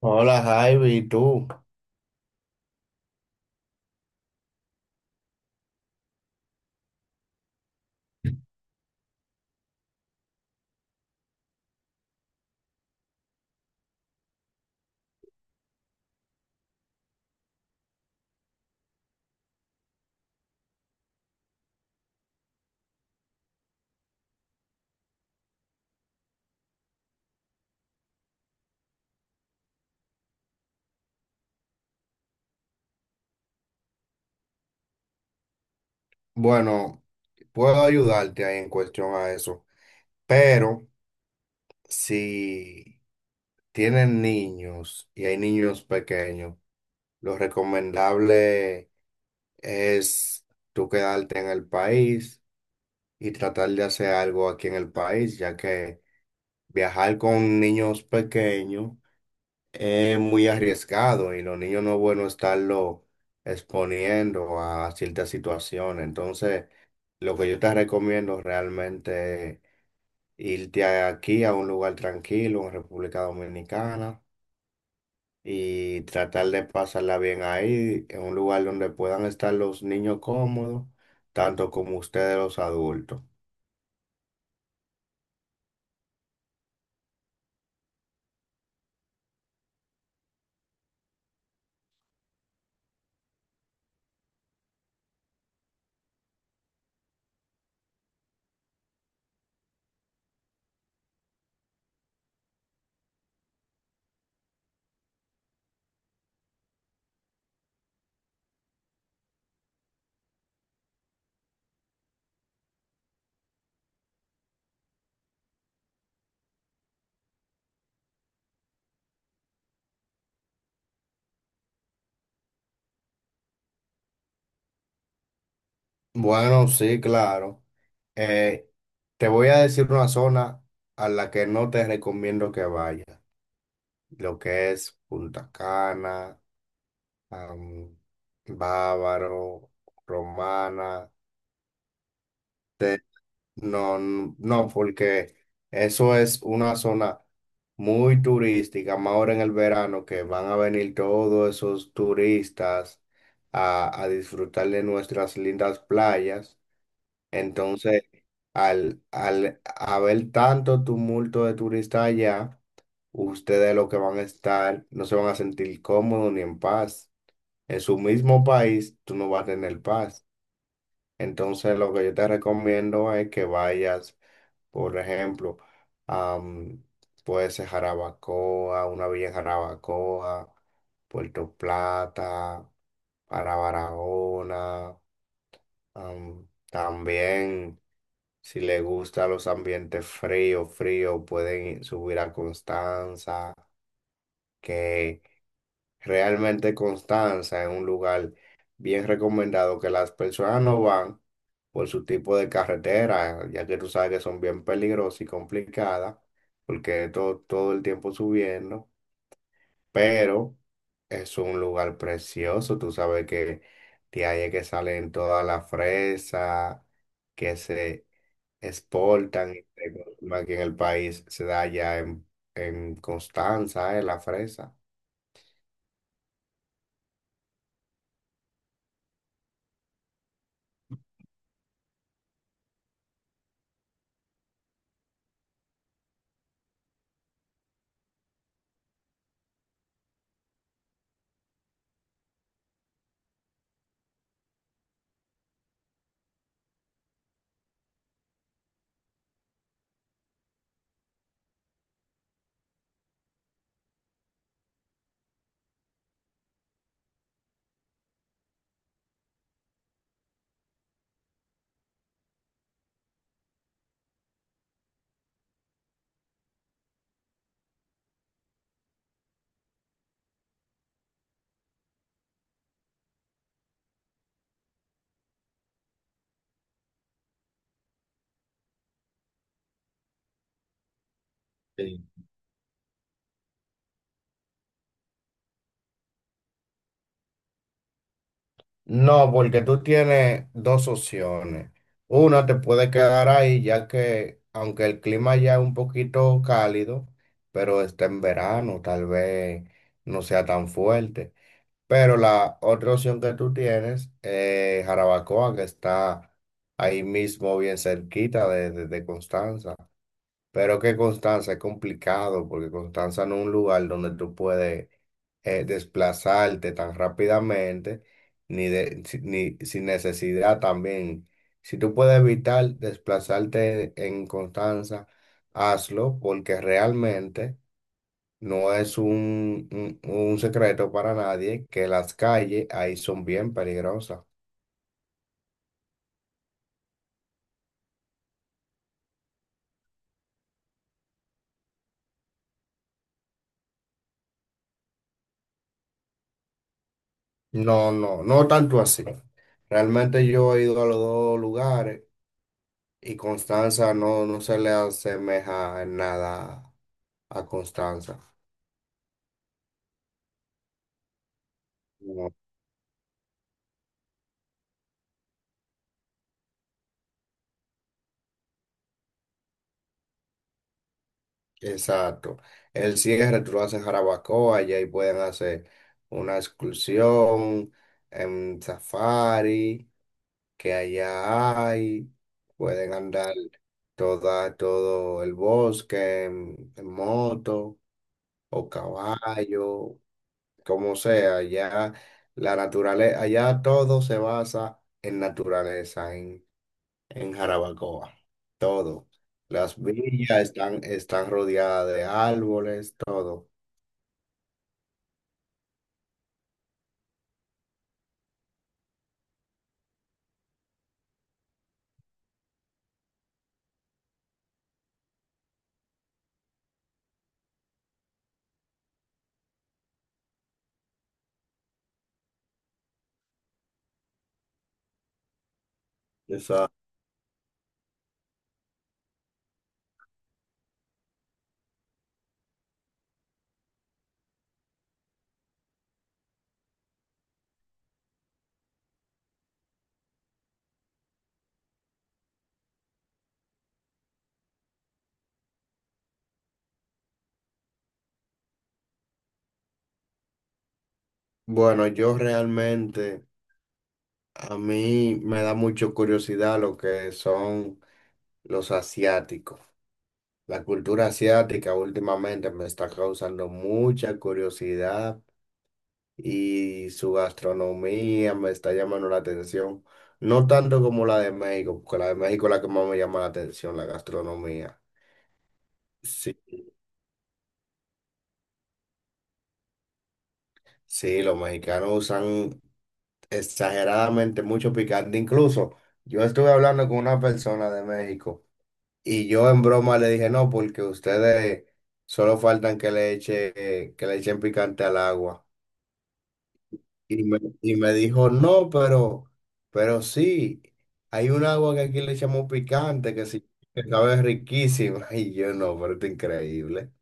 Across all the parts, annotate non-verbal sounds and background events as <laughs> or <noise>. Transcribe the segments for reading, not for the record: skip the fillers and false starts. Hola, Javi, ¿y tú? Bueno, puedo ayudarte ahí en cuestión a eso, pero si tienen niños y hay niños pequeños, lo recomendable es tú quedarte en el país y tratar de hacer algo aquí en el país, ya que viajar con niños pequeños es muy arriesgado y los niños no es bueno estarlo exponiendo a ciertas situaciones. Entonces, lo que yo te recomiendo realmente es irte aquí a un lugar tranquilo en República Dominicana y tratar de pasarla bien ahí, en un lugar donde puedan estar los niños cómodos, tanto como ustedes los adultos. Bueno, sí, claro. Eh, Te voy a decir una zona a la que no te recomiendo que vayas. Lo que es Punta Cana, am, Bávaro, Romana. te- no, no, porque eso es una zona muy turística, más ahora en el verano que van a venir todos esos turistas a disfrutar de nuestras lindas playas. Entonces, al haber tanto tumulto de turistas allá, ustedes lo que van a estar, no se van a sentir cómodos ni en paz en su mismo país, tú no vas a tener paz. Entonces, lo que yo te recomiendo es que vayas, por ejemplo, a, mm, puede ser Jarabacoa, una villa en Jarabacoa, Puerto Plata, para Barahona, también. Si le gustan los ambientes fríos, fríos, pueden subir a Constanza, que realmente Constanza es un lugar bien recomendado que las personas no van por su tipo de carretera, ya que tú sabes que son bien peligrosas y complicadas, porque es todo, todo el tiempo subiendo, pero es un lugar precioso. Tú sabes que de ahí es que salen todas las fresas que se exportan y se consumen aquí en el país, se da ya en Constanza, la fresa. No, porque tú tienes dos opciones. Una, te puede quedar ahí, ya que aunque el clima ya es un poquito cálido, pero está en verano, tal vez no sea tan fuerte. Pero la otra opción que tú tienes es Jarabacoa, que está ahí mismo bien cerquita de, de Constanza. Pero que Constanza es complicado, porque Constanza no es un lugar donde tú puedes desplazarte tan rápidamente, ni sin necesidad también. Si tú puedes evitar desplazarte en Constanza, hazlo, porque realmente no es un secreto para nadie que las calles ahí son bien peligrosas. No, no, no tanto así. Realmente yo he ido a los dos lugares. Y Constanza no, no se le asemeja en nada a Constanza. No. Exacto. El cierre tú lo haces en Jarabacoa y ahí pueden hacer una excursión en safari que allá hay. Pueden andar toda, todo el bosque en moto o caballo, como sea. Allá la naturaleza, allá todo se basa en naturaleza, en Jarabacoa. Todo. Las villas están, están rodeadas de árboles, todo. Esa- Bueno, yo realmente, a mí me da mucho curiosidad lo que son los asiáticos. La cultura asiática últimamente me está causando mucha curiosidad y su gastronomía me está llamando la atención. No tanto como la de México, porque la de México es la que más me llama la atención, la gastronomía. Sí. Sí, los mexicanos usan exageradamente mucho picante. Incluso yo estuve hablando con una persona de México y yo en broma le dije, no, porque ustedes solo faltan que le eche, que le echen picante al agua. Y me dijo, no, pero sí, hay un agua que aquí le echamos picante, que sí, que sabe riquísima. <laughs> Y yo no, pero esto es increíble.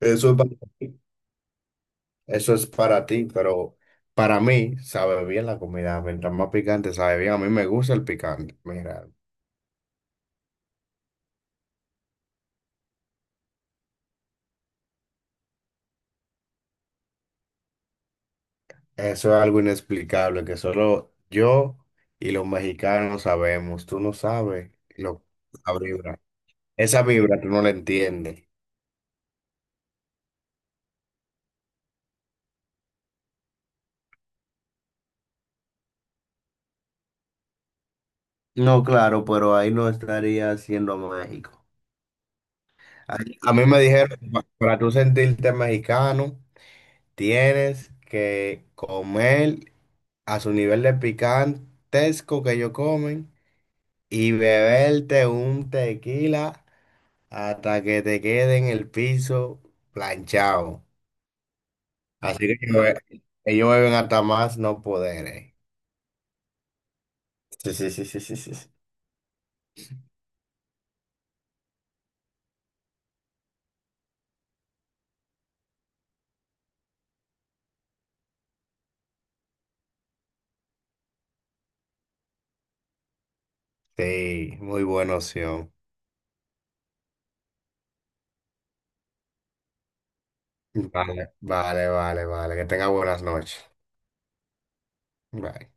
Eso es para... Eso es para ti, pero para mí sabe bien la comida. Mientras más picante sabe bien. A mí me gusta el picante. Mira, eso es algo inexplicable que solo yo y los mexicanos sabemos. Tú no sabes lo, la vibra. Esa vibra tú no la entiendes. No, claro, pero ahí no estaría siendo México. A, a mí me dijeron, Para tú sentirte mexicano, tienes que comer a su nivel de picantesco que ellos comen. Y beberte un tequila hasta que te quede en el piso planchado. Así que ellos ellos beben hasta más no poder. Sí, sí, sí, sí, sí, sí, sí. Sí, muy buena opción. Vale, vale, vale, vale. Que tenga buenas noches. Bye.